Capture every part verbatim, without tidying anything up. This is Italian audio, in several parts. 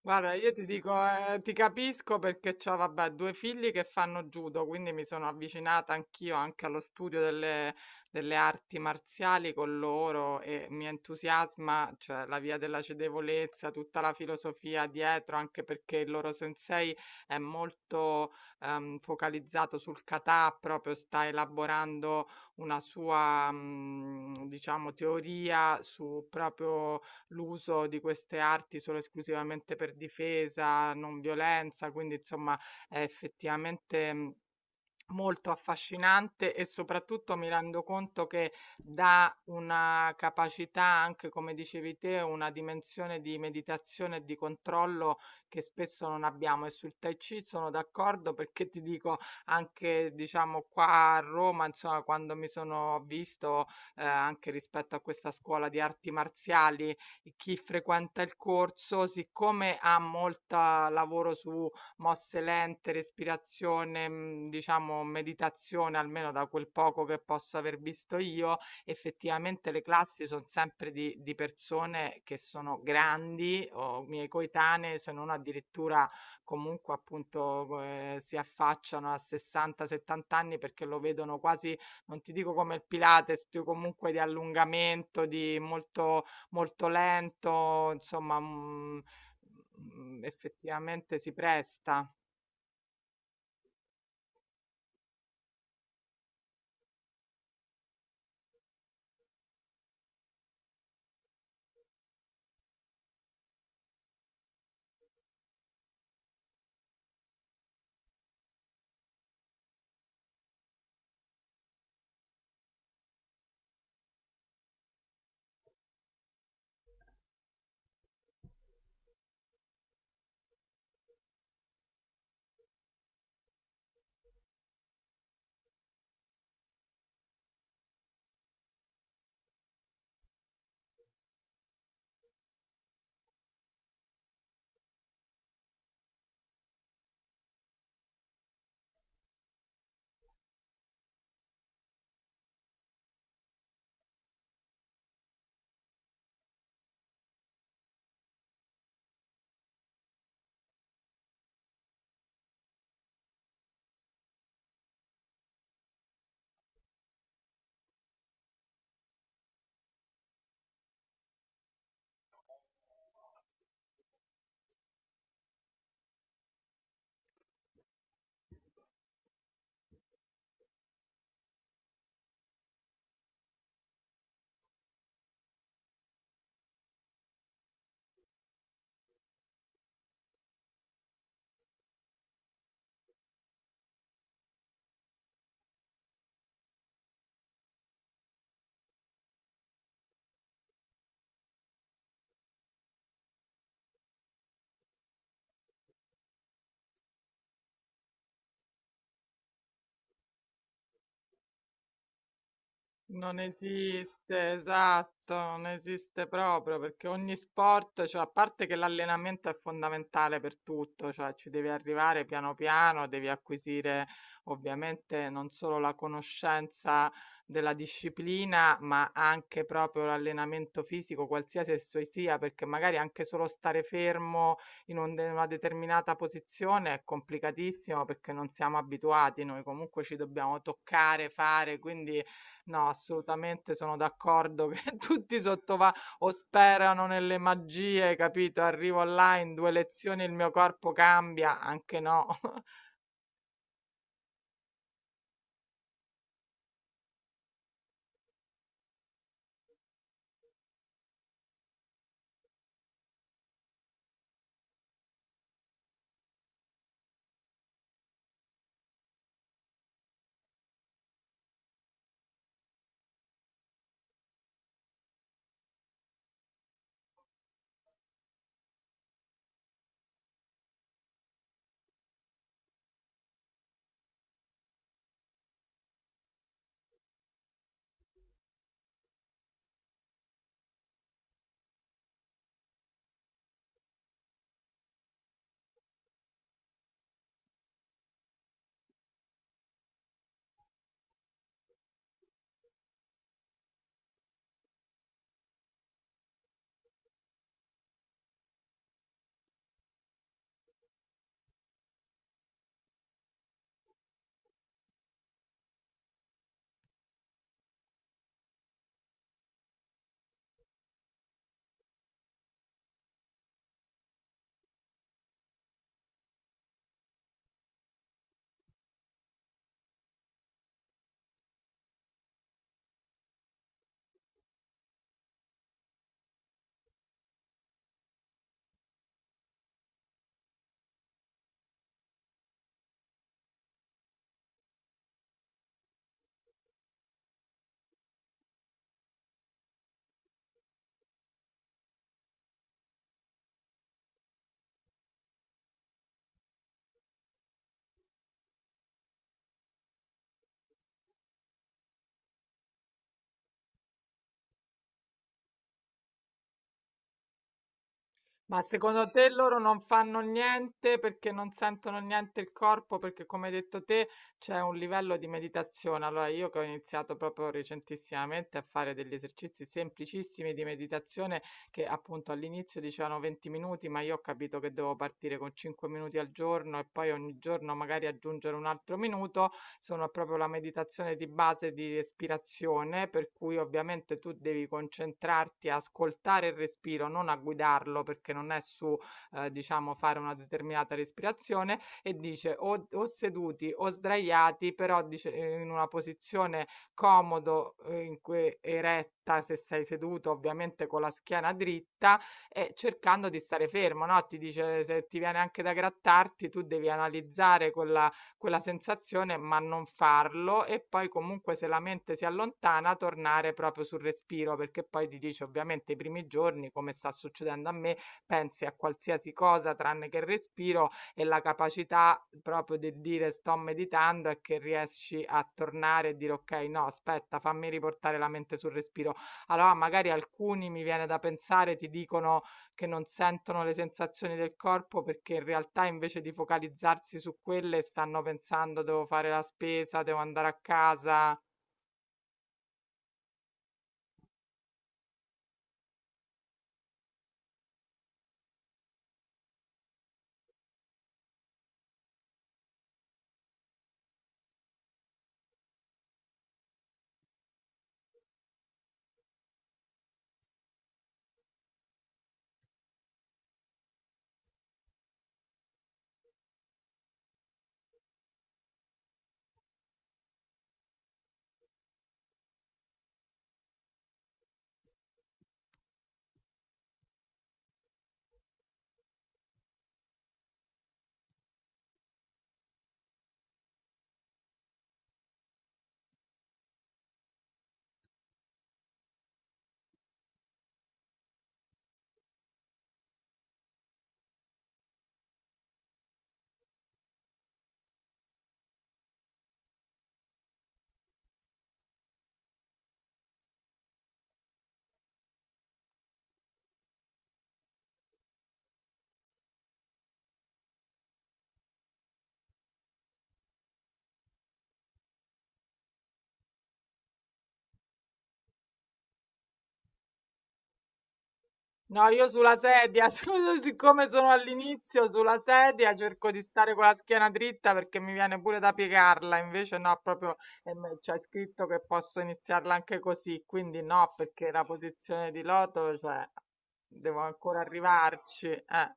Guarda, io ti dico, eh, ti capisco perché ho, vabbè, due figli che fanno judo, quindi mi sono avvicinata anch'io anche allo studio delle, delle arti marziali con loro e mi entusiasma, cioè la via della cedevolezza, tutta la filosofia dietro, anche perché il loro sensei è molto ehm, focalizzato sul kata, proprio sta elaborando una sua, mm, diciamo, teoria su proprio l'uso di queste arti solo esclusivamente per difesa, non violenza, quindi insomma è effettivamente mh, molto affascinante e soprattutto mi rendo conto che dà una capacità anche, come dicevi te, una dimensione di meditazione e di controllo che spesso non abbiamo. E sul Tai Chi sono d'accordo perché ti dico anche, diciamo, qua a Roma, insomma, quando mi sono visto eh, anche rispetto a questa scuola di arti marziali, chi frequenta il corso, siccome ha molta lavoro su mosse lente, respirazione, mhmm, diciamo meditazione, almeno da quel poco che posso aver visto io, effettivamente le classi son sempre di di persone che sono grandi o miei coetanee, se non addirittura comunque appunto co ehm, si affacciano a sessanta, settanta anni perché lo vedono quasi, non ti dico come il Pilates, più comunque di allungamento, di molto molto lento, insomma, mhmm, mhmm, effettivamente si presta. Non esiste, esatto, non esiste proprio perché ogni sport, cioè a parte che l'allenamento è fondamentale per tutto, cioè ci devi arrivare piano piano, devi acquisire ovviamente non solo la conoscenza della disciplina, ma anche proprio l'allenamento fisico, qualsiasi esso sia, perché magari anche solo stare fermo in un- in una determinata posizione è complicatissimo perché non siamo abituati, noi comunque ci dobbiamo toccare, fare, quindi. No, assolutamente sono d'accordo che tutti sottovalutano o sperano nelle magie, capito? Arrivo online, due lezioni, il mio corpo cambia, anche no. Ma secondo te loro non fanno niente perché non sentono niente il corpo? Perché come hai detto te c'è un livello di meditazione. Allora io che ho iniziato proprio recentissimamente a fare degli esercizi semplicissimi di meditazione che appunto all'inizio dicevano venti minuti, ma io ho capito che devo partire con cinque minuti al giorno e poi ogni giorno magari aggiungere un altro minuto sono proprio la meditazione di base di respirazione, per cui ovviamente tu devi concentrarti a ascoltare il respiro, non a guidarlo, perché non è su, eh, diciamo, fare una determinata respirazione, e dice o, o seduti o sdraiati, però dice eh, in una posizione comodo, eh, in cui eretta, se sei seduto ovviamente con la schiena dritta, e cercando di stare fermo, no? Ti dice se ti viene anche da grattarti, tu devi analizzare con la quella sensazione, ma non farlo e poi comunque se la mente si allontana tornare proprio sul respiro, perché poi ti dice ovviamente i primi giorni, come sta succedendo a me, pensi a qualsiasi cosa tranne che il respiro e la capacità proprio di dire sto meditando è che riesci a tornare e dire ok, no, aspetta, fammi riportare la mente sul respiro. Allora magari alcuni mi viene da pensare ti dicono che non sentono le sensazioni del corpo perché in realtà invece di focalizzarsi su quelle stanno pensando devo fare la spesa, devo andare a casa. No, io sulla sedia, sono- siccome sono all'inizio sulla sedia, cerco di stare con la schiena dritta perché mi viene pure da piegarla, invece no, proprio eh, me- c'è scritto che posso iniziarla anche così, quindi no, perché la posizione di loto, cioè, devo ancora arrivarci. Eh,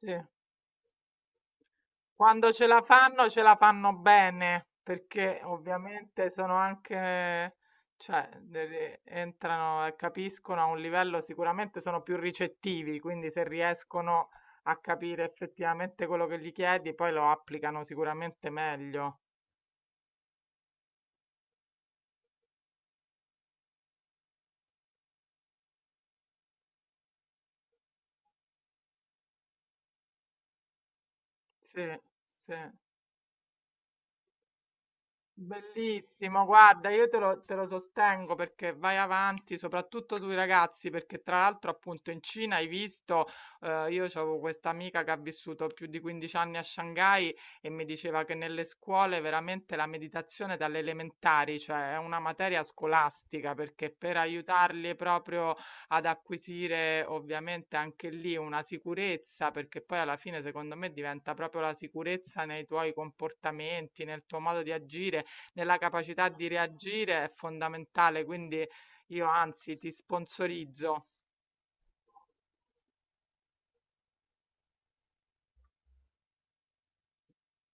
sì. Quando ce la fanno, ce la fanno bene, perché ovviamente sono anche, cioè, de- de- entrano e capiscono a un livello sicuramente sono più ricettivi, quindi se riescono a capire effettivamente quello che gli chiedi, poi lo applicano sicuramente meglio. Sì, sì. Bellissimo, guarda, io te lo, te lo sostengo perché vai avanti, soprattutto tu ragazzi, perché tra l'altro appunto in Cina hai visto, eh, io avevo questa amica che ha vissuto più di quindici anni a Shanghai e mi diceva che nelle scuole veramente la meditazione dalle elementari, cioè è una materia scolastica, perché per aiutarli proprio ad acquisire ovviamente anche lì una sicurezza, perché poi alla fine secondo me diventa proprio la sicurezza nei tuoi comportamenti, nel tuo modo di agire nella capacità di reagire è fondamentale, quindi io anzi ti sponsorizzo